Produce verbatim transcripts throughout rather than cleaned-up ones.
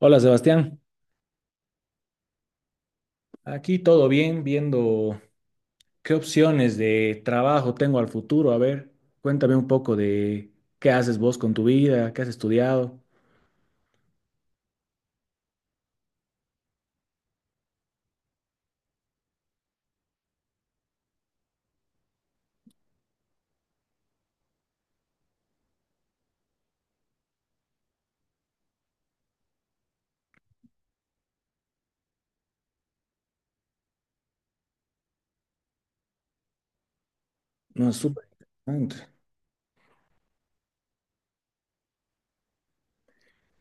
Hola Sebastián, aquí todo bien, viendo qué opciones de trabajo tengo al futuro. A ver, cuéntame un poco de qué haces vos con tu vida, qué has estudiado. No, es súper interesante.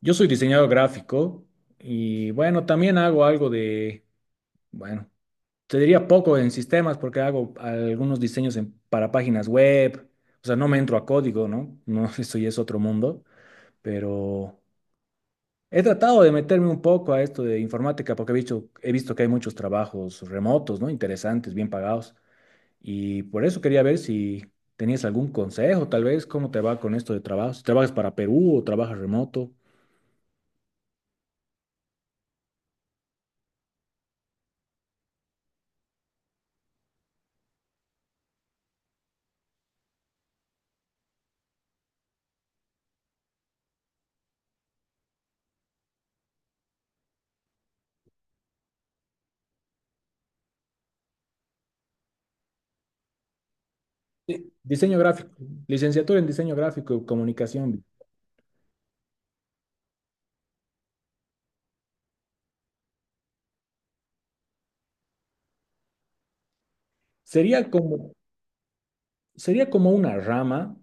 Yo soy diseñador gráfico y bueno, también hago algo de, bueno, te diría poco en sistemas porque hago algunos diseños en- para páginas web. O sea, no me entro a código, ¿no? No, eso ya es otro mundo, pero. He tratado de meterme un poco a esto de informática porque he visto, he visto que hay muchos trabajos remotos, ¿no? Interesantes, bien pagados. Y por eso quería ver si tenías algún consejo, tal vez, cómo te va con esto de trabajo. Si trabajas para Perú o trabajas remoto. Sí, diseño gráfico, licenciatura en diseño gráfico y comunicación. Sería como, sería como una rama,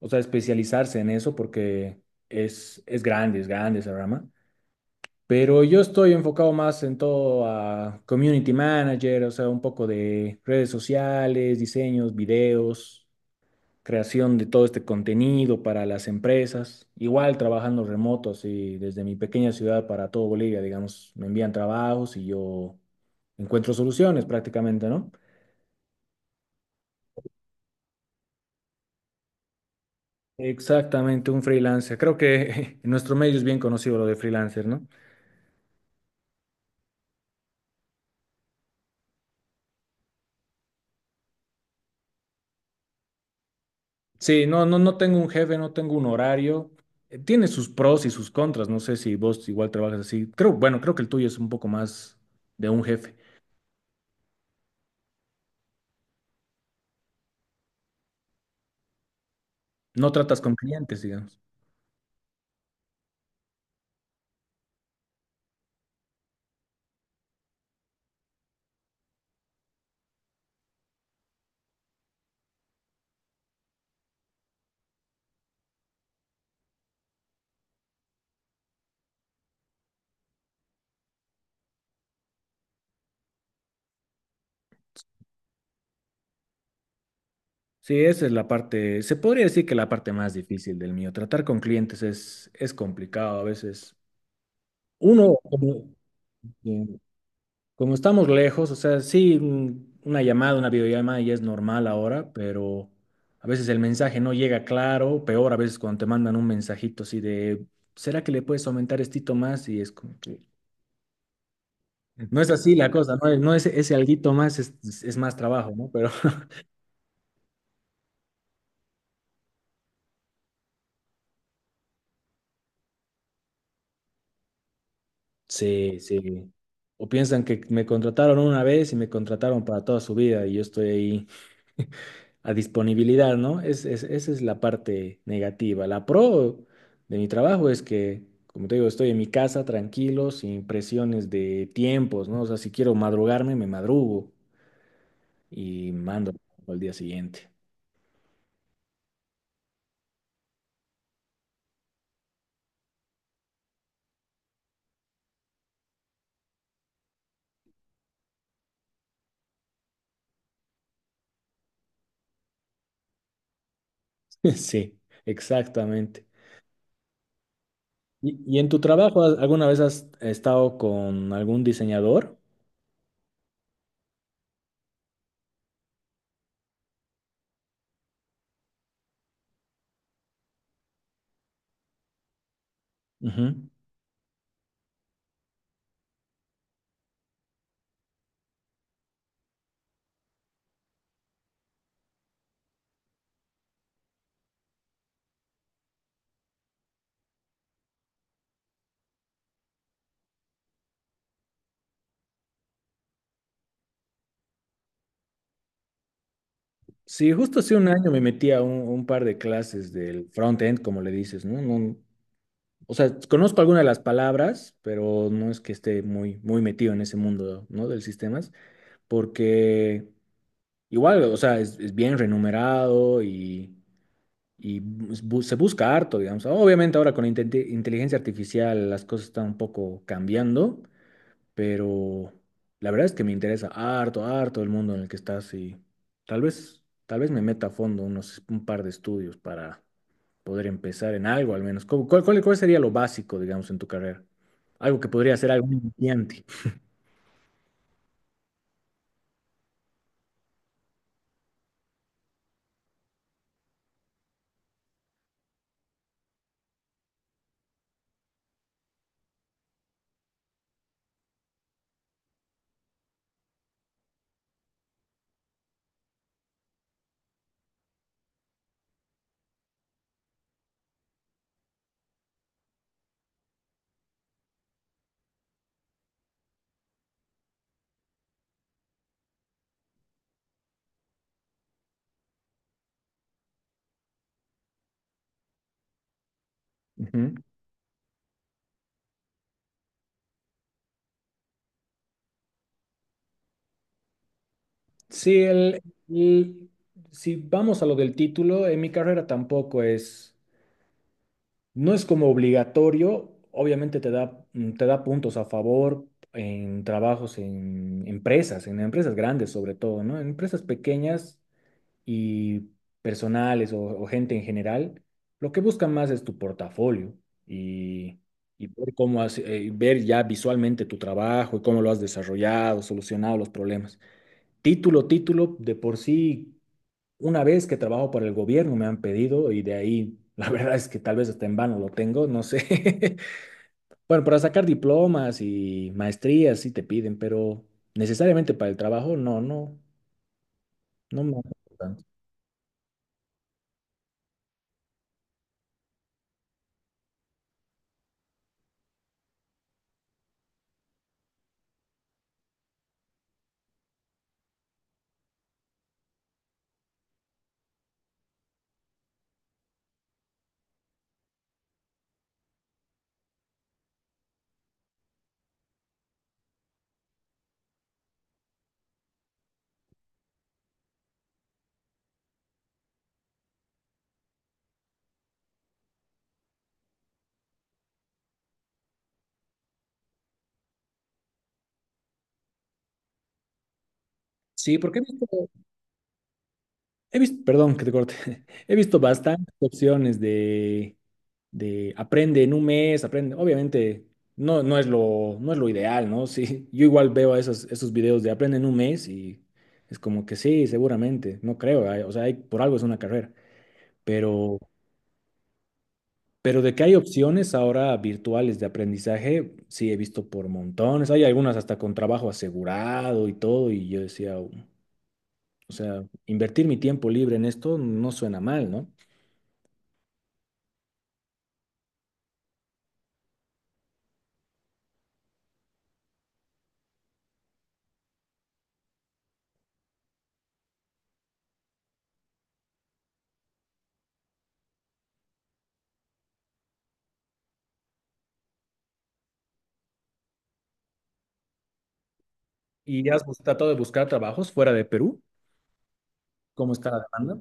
o sea, especializarse en eso porque es, es grande, es grande esa rama. Pero yo estoy enfocado más en todo a community manager, o sea, un poco de redes sociales, diseños, videos, creación de todo este contenido para las empresas. Igual trabajando remoto, así desde mi pequeña ciudad para todo Bolivia, digamos, me envían trabajos y yo encuentro soluciones prácticamente, ¿no? Exactamente, un freelancer. Creo que en nuestro medio es bien conocido lo de freelancer, ¿no? Sí, no, no, no tengo un jefe, no tengo un horario. Eh, Tiene sus pros y sus contras. No sé si vos igual trabajas así. Creo, bueno, creo que el tuyo es un poco más de un jefe. No tratas con clientes, digamos. Sí, esa es la parte, se podría decir que la parte más difícil del mío. Tratar con clientes es, es complicado a veces. Uno, como- Como estamos lejos, o sea, sí, un- una llamada, una videollamada ya es normal ahora, pero a veces el mensaje no llega claro, peor a veces cuando te mandan un mensajito así de, ¿será que le puedes aumentar estito más? Y es como que no es así la cosa, no, no es ese alguito más, es, es más trabajo, ¿no? Pero sí, sí. O piensan que me contrataron una vez y me contrataron para toda su vida y yo estoy ahí a disponibilidad, ¿no? Es, es- esa es la parte negativa. La pro de mi trabajo es que, como te digo, estoy en mi casa tranquilo, sin presiones de tiempos, ¿no? O sea, si quiero madrugarme, me madrugo y mando al día siguiente. Sí, exactamente. ¿Y, y en tu trabajo, ¿has- alguna vez has estado con algún diseñador? Ujú. Sí, justo hace un año me metí a un, un par de clases del front-end, como le dices, ¿no? No- o sea, conozco algunas de las palabras, pero no es que esté muy, muy metido en ese mundo, ¿no? Del sistemas, porque igual, o sea, es, es bien renumerado y, y bu- se busca harto, digamos. Obviamente ahora con la inte- inteligencia artificial las cosas están un poco cambiando, pero la verdad es que me interesa harto, harto el mundo en el que estás y tal vez, tal vez me meta a fondo unos, un par de estudios para poder empezar en algo al menos. ¿Cómo- ¿Cuál, cuál, cuál sería lo básico, digamos, en tu carrera? Algo que podría ser algo iniciante. Ujú. Sí, el, el- si vamos a lo del título, en mi carrera tampoco es. No es como obligatorio, obviamente te da, mm, te da puntos a favor en trabajos en empresas, en empresas grandes sobre todo, ¿no? En empresas pequeñas y personales o, o gente en general, lo que buscan más es tu portafolio y, y ver cómo has- eh, ver ya visualmente tu trabajo y cómo lo has desarrollado, solucionado los problemas. Título, título, de por sí una vez que trabajo para el gobierno me han pedido y de ahí, la verdad es que tal vez hasta en vano lo tengo, no sé. Bueno, para sacar diplomas y maestrías sí te piden, pero necesariamente para el trabajo no, no, no me han pedido tanto. Sí, porque he visto, he visto, perdón que te corte, he visto bastantes opciones de de aprende en un mes, aprende. Obviamente, no, no es lo, no es lo ideal, ¿no? Sí, yo igual veo esos, esos videos de aprende en un mes y es como que sí, seguramente, no creo, hay- o sea, hay- por algo es una carrera, pero, pero, de que hay opciones ahora virtuales de aprendizaje, sí, he visto por montones, hay algunas hasta con trabajo asegurado y todo, y yo decía, o sea, invertir mi tiempo libre en esto no suena mal, ¿no? ¿Y has bus- tratado de buscar trabajos fuera de Perú? ¿Cómo está la demanda?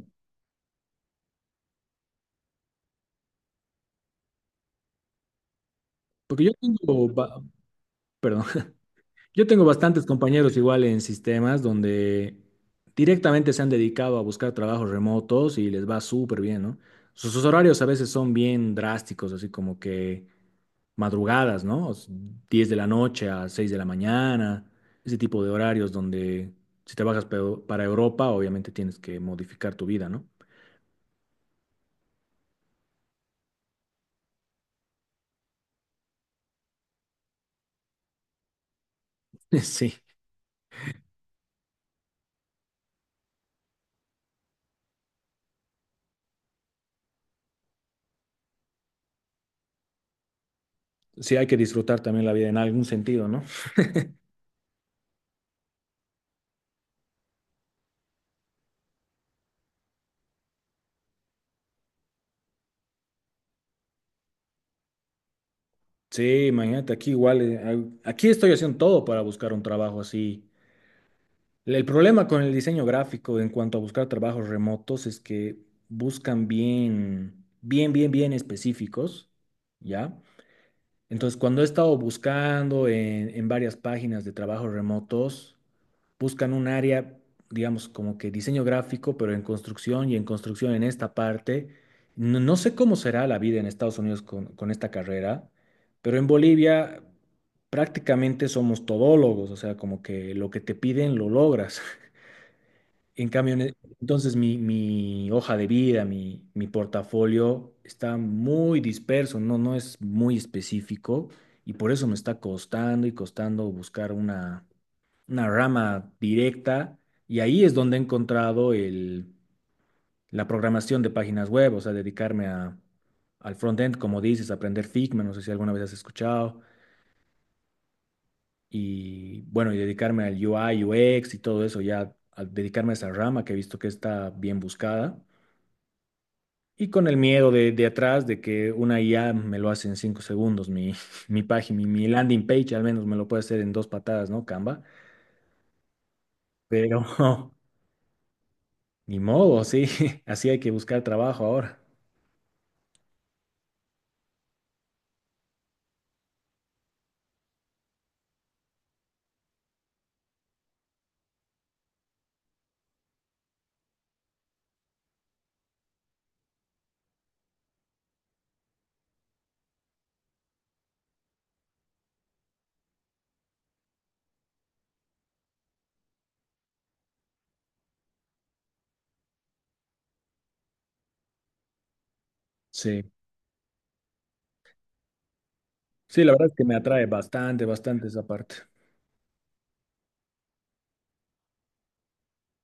Porque yo tengo va- Perdón. Yo tengo bastantes compañeros igual en sistemas donde directamente se han dedicado a buscar trabajos remotos y les va súper bien, ¿no? Sus, sus horarios a veces son bien drásticos, así como que madrugadas, ¿no? O s- diez de la noche a seis de la mañana, ese tipo de horarios donde si trabajas peo- para Europa, obviamente tienes que modificar tu vida, ¿no? Sí, sí hay que disfrutar también la vida en algún sentido, ¿no? Sí, imagínate, aquí igual, eh, a- aquí estoy haciendo todo para buscar un trabajo así. El problema con el diseño gráfico en cuanto a buscar trabajos remotos es que buscan bien, bien, bien, bien específicos, ¿ya? Entonces, cuando he estado buscando en, en varias páginas de trabajos remotos, buscan un área, digamos, como que diseño gráfico, pero en construcción y en construcción en esta parte. No, no sé cómo será la vida en Estados Unidos con, con esta carrera, pero en Bolivia prácticamente somos todólogos, o sea, como que lo que te piden lo logras. En cambio, en- e, entonces mi, mi hoja de vida, mi, mi portafolio está muy disperso, no, no es muy específico y por eso me está costando y costando buscar una, una rama directa y ahí es donde he encontrado el, la programación de páginas web, o sea, dedicarme a, al frontend, como dices, aprender Figma, no sé si alguna vez has escuchado, y bueno, y dedicarme al U I, U X y todo eso, ya al dedicarme a esa rama que he visto que está bien buscada. Y con el miedo de, de atrás de que una I A me lo hace en cinco segundos, mi, mi página, mi, mi landing page al menos me lo puede hacer en dos patadas, ¿no? Canva. Pero ni modo, sí, así hay que buscar trabajo ahora. Sí, sí, la verdad es que me atrae bastante, bastante esa parte.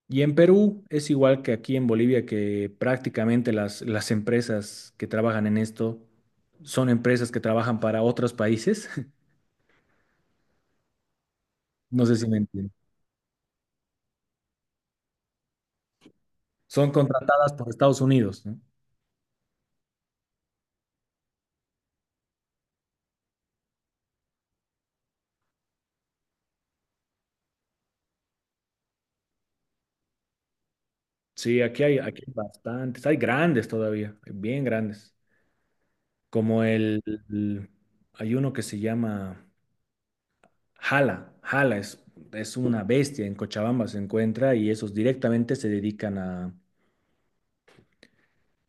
Y en Perú es igual que aquí en Bolivia, que prácticamente las, las empresas que trabajan en esto son empresas que trabajan para otros países. No sé si me entienden. Son contratadas por Estados Unidos, ¿no? Sí, aquí hay, aquí hay bastantes, hay grandes todavía, bien grandes, como el, el- hay uno que se llama Jala. Jala es, es una bestia, en Cochabamba se encuentra y esos directamente se dedican a,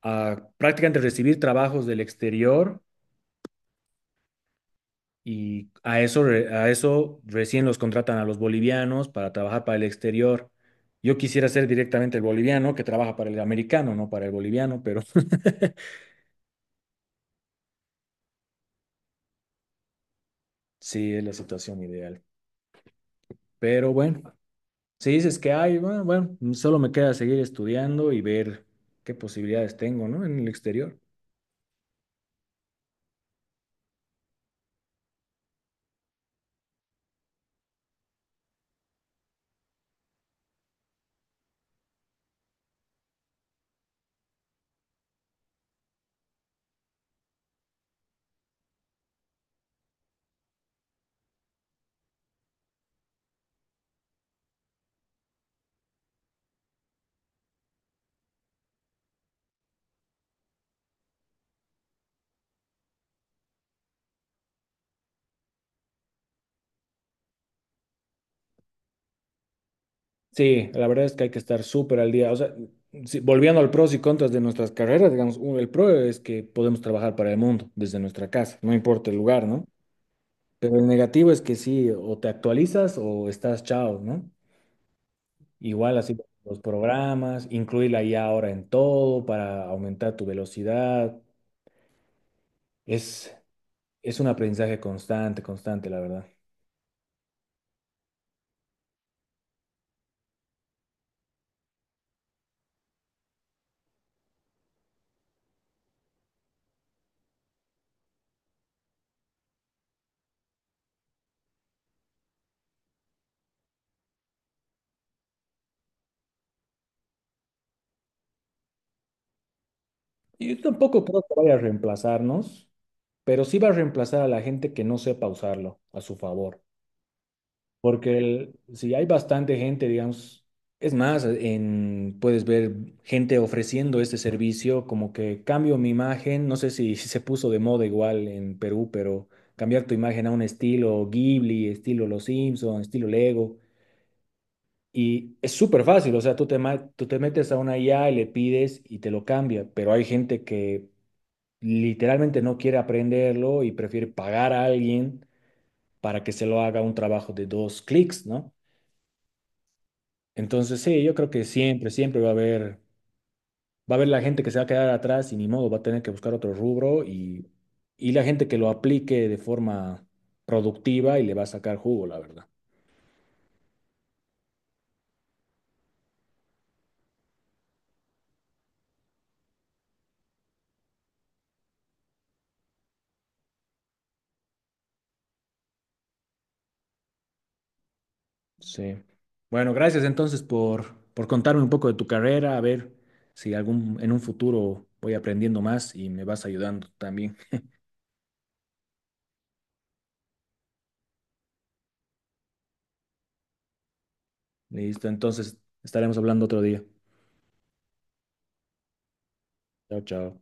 a prácticamente recibir trabajos del exterior y a eso, re- a eso recién los contratan a los bolivianos para trabajar para el exterior. Yo quisiera ser directamente el boliviano que trabaja para el americano, no para el boliviano, pero sí es la situación ideal. Pero bueno. Si dices que hay, bueno, bueno, mm, solo me queda seguir estudiando y ver qué posibilidades tengo, ¿no? En el exterior. Sí, la verdad es que hay que estar súper al día. O sea, si- volviendo al pros y contras de nuestras carreras, digamos, u- el pro es que podemos trabajar para el mundo desde nuestra casa, no importa el lugar, ¿no? Pero el negativo es que sí, o te actualizas o estás chao, ¿no? Igual así los programas, incluir la I A ahora en todo para aumentar tu velocidad. Es, es un aprendizaje constante, constante, la verdad. Yo tampoco creo que vaya a reemplazarnos, pero sí va a reemplazar a la gente que no sepa usarlo a su favor. Porque el- si hay bastante gente, digamos, es más, en, puedes ver gente ofreciendo este servicio, como que cambio mi imagen, no sé si, se puso de moda igual en Perú, pero cambiar tu imagen a un estilo Ghibli, estilo Los Simpson, estilo Lego. Y es súper fácil, o sea, tú te, ma- tú te metes a una I A y le pides y te lo cambia, pero hay gente que literalmente no quiere aprenderlo y prefiere pagar a alguien para que se lo haga un trabajo de dos clics, ¿no? Entonces, sí, yo creo que siempre, siempre va a haber, va a haber, la gente que se va a quedar atrás y ni modo, va a tener que buscar otro rubro y, y la gente que lo aplique de forma productiva y le va a sacar jugo, la verdad. Sí. Bueno, gracias entonces por, por contarme un poco de tu carrera, a ver si algún, en un futuro voy aprendiendo más y me vas ayudando también. Listo, entonces estaremos hablando otro día. Chao, chao.